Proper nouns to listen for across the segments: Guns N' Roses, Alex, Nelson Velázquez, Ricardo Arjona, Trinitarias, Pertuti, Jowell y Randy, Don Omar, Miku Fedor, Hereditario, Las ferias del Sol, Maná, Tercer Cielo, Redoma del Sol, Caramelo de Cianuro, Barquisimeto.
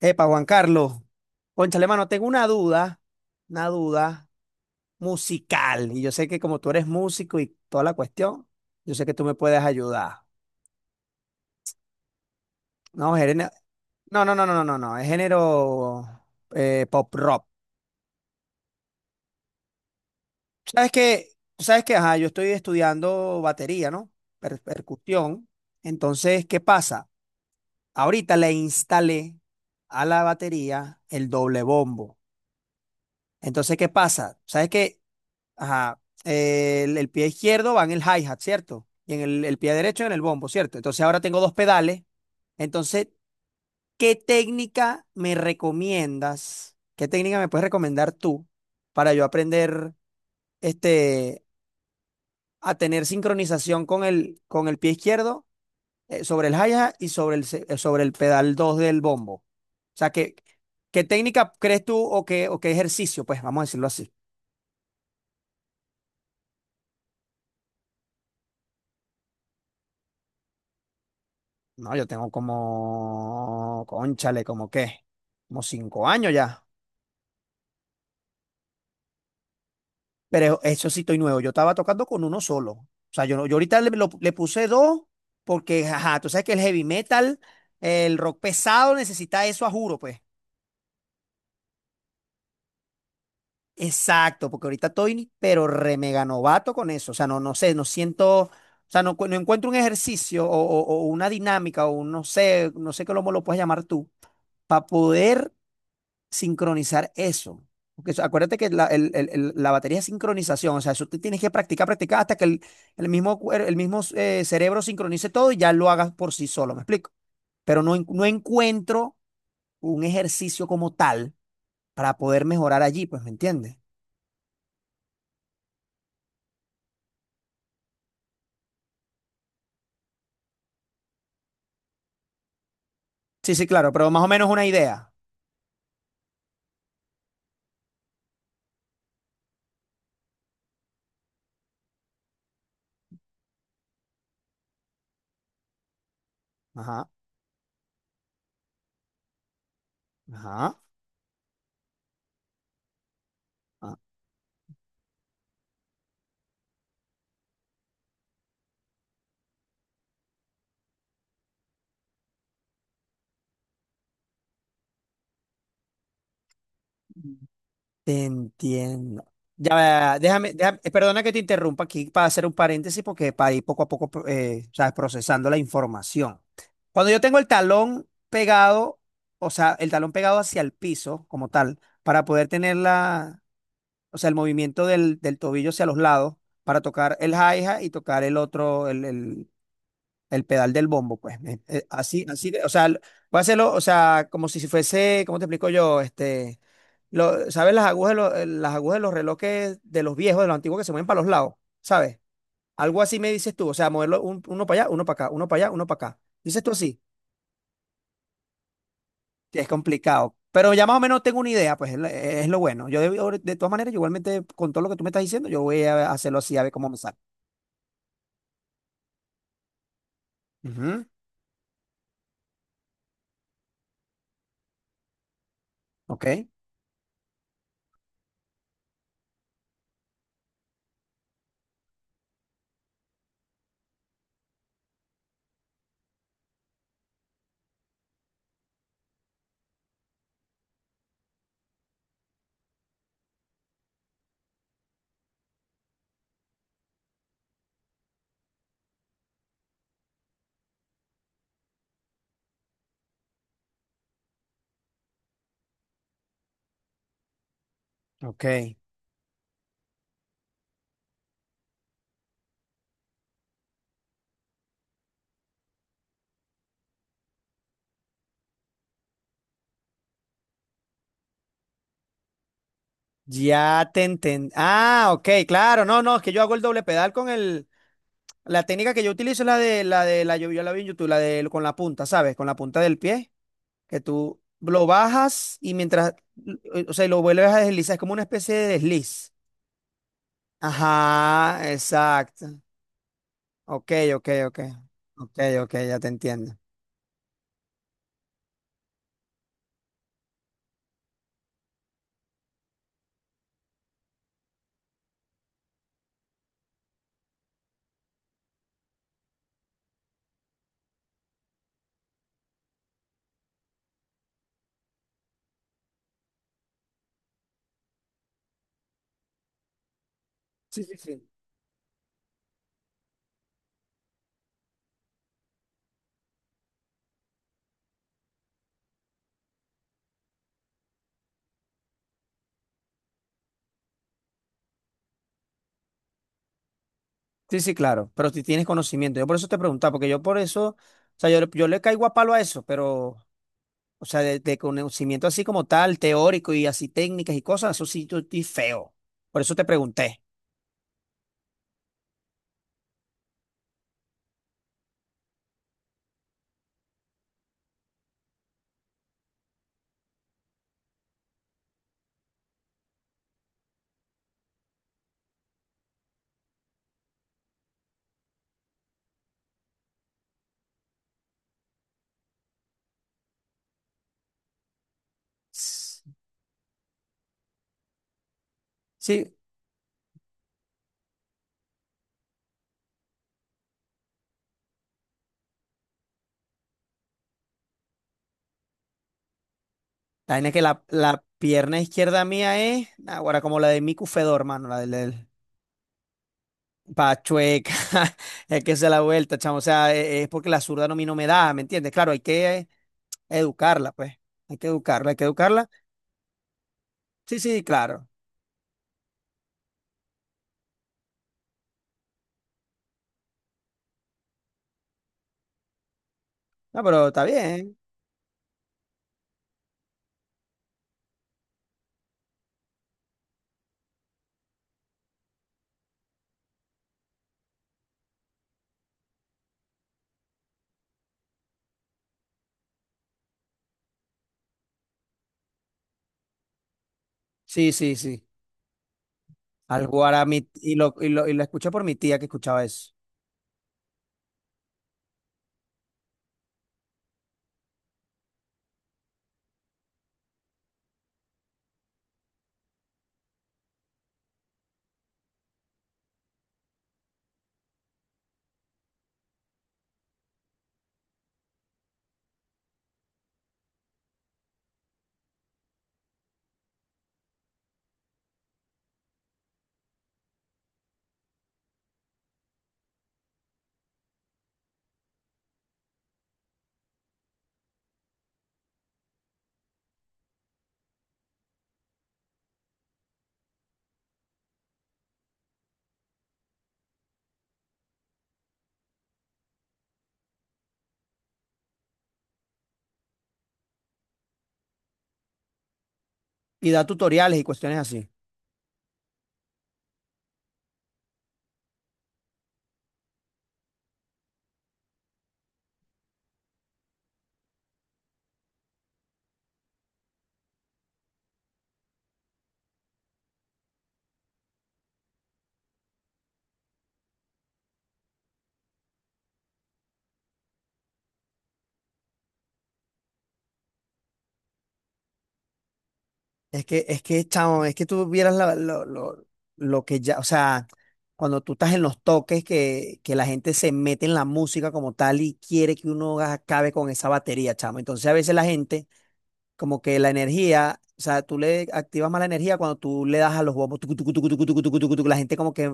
Epa, Juan Carlos, cónchale, mano, tengo una duda musical. Y yo sé que como tú eres músico y toda la cuestión, yo sé que tú me puedes ayudar. No, no, no, no, no, no, no, es género pop rock. ¿Sabes que ¿Sabes que ajá, yo estoy estudiando batería, ¿no? Percusión. Entonces, ¿qué pasa? Ahorita le instalé a la batería el doble bombo. Entonces, ¿qué pasa? ¿Sabes qué? Ajá. El pie izquierdo va en el hi-hat, ¿cierto? Y en el pie derecho en el bombo, ¿cierto? Entonces ahora tengo dos pedales. Entonces, ¿qué técnica me recomiendas? ¿Qué técnica me puedes recomendar tú para yo aprender este, a tener sincronización con el pie izquierdo sobre el hi-hat y sobre el pedal 2 del bombo? O sea, ¿qué técnica crees tú o qué ejercicio? Pues vamos a decirlo así. No, yo tengo como, cónchale, como qué, como 5 años ya. Pero eso sí estoy nuevo. Yo estaba tocando con uno solo. O sea, yo, no- yo ahorita le puse dos porque, ajá, tú sabes que el heavy metal, el rock pesado necesita eso a juro, pues. Exacto, porque ahorita estoy, pero re mega novato con eso. O sea, no, no sé, no siento, o sea, no, no encuentro un ejercicio o una dinámica no sé, no sé cómo lo puedes llamar tú, para poder sincronizar eso. Porque acuérdate que la, el- la batería es sincronización, o sea, eso tú tienes que practicar, practicar hasta que el mismo, cerebro sincronice todo y ya lo hagas por sí solo, ¿me explico? Pero no, no encuentro un ejercicio como tal para poder mejorar allí, pues, ¿me entiendes? Sí, sí, claro, pero más o menos una idea. Ajá, ajá. Ah, te entiendo. Ya, déjame, perdona que te interrumpa aquí para hacer un paréntesis porque para ir poco a poco, sabes, procesando la información. Cuando yo tengo el talón pegado, o sea, el talón pegado hacia el piso como tal, para poder tener la, o sea, el movimiento del tobillo hacia los lados, para tocar el hi-hat y tocar el otro, el pedal del bombo, pues. Así, así, o sea, voy a hacerlo, o sea, como si fuese, ¿cómo te explico yo? Este, ¿sabes las agujas las agujas de los relojes de los viejos, de los antiguos que se mueven para los lados? ¿Sabes? Algo así me dices tú, o sea, moverlo uno para allá, uno para acá, uno para allá, uno para acá. Dices tú así, que es complicado. Pero ya más o menos tengo una idea, pues es lo bueno. Yo de todas maneras, yo igualmente con todo lo que tú me estás diciendo, yo voy a hacerlo así a ver cómo me sale. Ujú, ok, ok. Ya te entendí. Ah, ok, claro. No, no, es que yo hago el doble pedal con el. La técnica que yo utilizo es la de la de la yo la vi en YouTube, la de con la punta, ¿sabes? Con la punta del pie, que tú lo bajas y mientras, o sea, lo vuelves a deslizar, es como una especie de desliz. Ajá, exacto. Ok, ok, ok. Ok, ok, ya te entiendo. Sí, sí, sí. Sí, sí, claro. Pero si tienes conocimiento. Yo por eso te preguntaba, porque yo por eso, o sea, yo le caigo a palo a eso, pero. O sea, de conocimiento así como tal, teórico y así técnicas y cosas, eso sí, yo estoy feo. Por eso te pregunté. S- Sí, la vaina es que la pierna izquierda mía es, ahora como la de Miku Fedor, mano, la del Pachueca, es que se da la vuelta, chamo, o sea, es, porque la zurda no, a mí no me da, ¿me entiendes? Claro, hay que educarla, pues, hay que educarla, sí, sí, claro, no, pero está bien, sí, sí, sí, algo hará mi, y lo escuché por mi tía que escuchaba eso. Y da tutoriales y cuestiones así. Es que, chamo, es que tú vieras lo que ya, o sea, cuando tú estás en los toques, que la gente se mete en la música como tal y quiere que uno acabe con esa batería, chamo. Entonces a veces la gente como que la energía, o sea, tú le activas más la energía cuando tú le das a los bombos, tucu, tucu, tucu, tucu, tucu, tucu, tucu, tucu, la gente como que,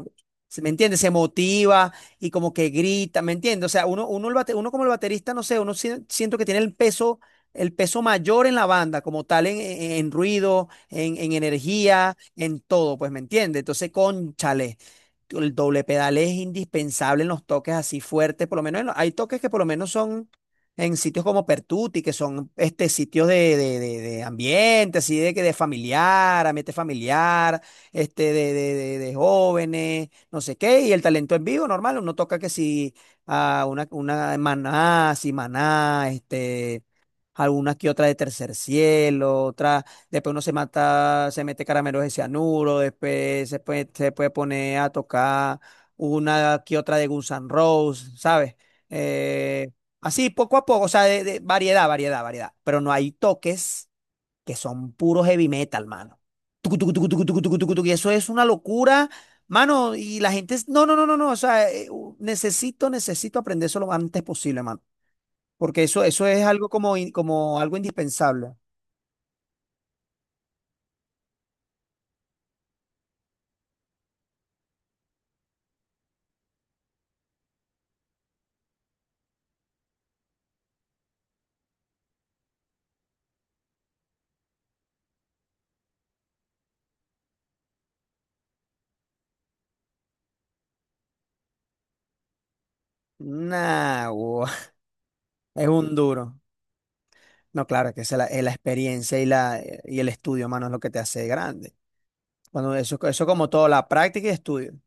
¿me entiendes? Se motiva y como que grita, ¿me entiendes? O sea, uno, uno como el baterista, no sé, siento que tiene el peso mayor en la banda, como tal, en ruido, en energía, en todo, pues, ¿me entiendes? Entonces, cónchale. El doble pedal es indispensable en los toques así fuertes, por lo menos hay toques que por lo menos son en sitios como Pertuti, que son este, sitios de ambiente, así de que de familiar, ambiente familiar, este, de jóvenes, no sé qué, y el talento en vivo, normal, uno toca que si a una maná, si maná, este, algunas que otra de Tercer Cielo, otra, después uno se mata, se mete caramelos de cianuro, después se puede poner a tocar una que otra de Guns N' Roses, ¿sabes? Eh, Así, poco a poco, o sea, de variedad, variedad, variedad. Pero no hay toques que son puro heavy metal, mano. Tucu, tucu, tucu, tucu, tucu, tucu, tucu, tucu, y eso es una locura, mano. Y la gente es, no, no, no, no, no. O sea, necesito, aprender eso lo antes posible, mano. Porque eso es algo como, como algo indispensable. Nah, gua, es un duro. No, claro, que esa es la experiencia y el estudio, mano, es lo que te hace grande. Cuando eso como todo, la práctica y estudio.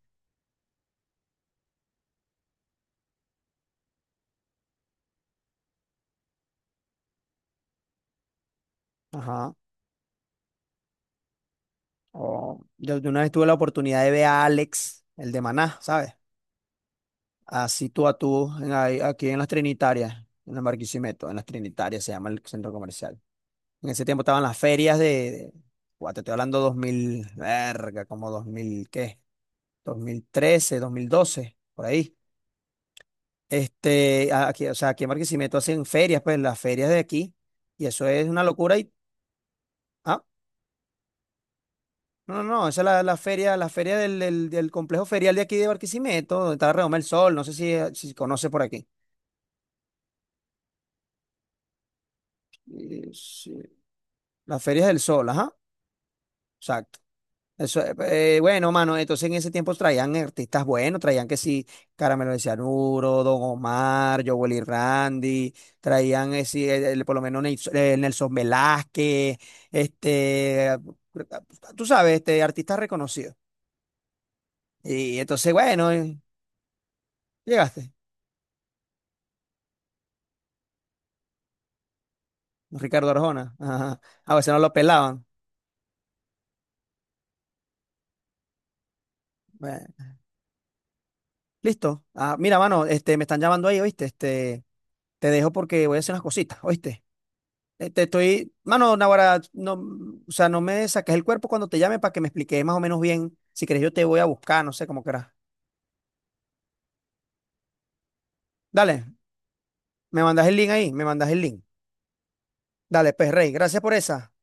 Ajá. Yo de una vez tuve la oportunidad de ver a Alex, el de Maná, ¿sabes? Así tú a tú, aquí en las Trinitarias, en la Barquisimeto, en las Trinitarias se llama el centro comercial. En ese tiempo estaban las ferias de- guau, te estoy hablando 2000, verga, como 2000 ¿qué? 2013, 2012, por ahí. Este, aquí, o sea, aquí en Barquisimeto hacen ferias, pues las ferias de aquí, y eso es una locura y... ¿Ah? No, no, no, esa es la, la feria del complejo ferial de aquí de Barquisimeto, donde está Redoma del Sol, no sé si conoce por aquí. Sí, las ferias del Sol, ajá, exacto. Eso, bueno, mano, entonces en ese tiempo traían artistas buenos, traían que sí, Caramelo de Cianuro, Don Omar, Jowell y Randy, traían sí, por lo menos Nelson Velázquez, este, tú sabes, este, artistas reconocidos. Y entonces, bueno, llegaste. Ricardo Arjona. Ajá. A veces no lo pelaban. Bueno, listo. Ah, mira, mano, este, me están llamando ahí, ¿oíste? Este, te dejo porque voy a hacer unas cositas, ¿oíste? Te estoy, mano, Naguará, no, o sea, no me saques el cuerpo cuando te llame para que me expliques más o menos bien. Si quieres, yo te voy a buscar, no sé cómo querás. Dale, me mandas el link ahí, me mandas el link. Dale, pues, Rey, gracias por esa.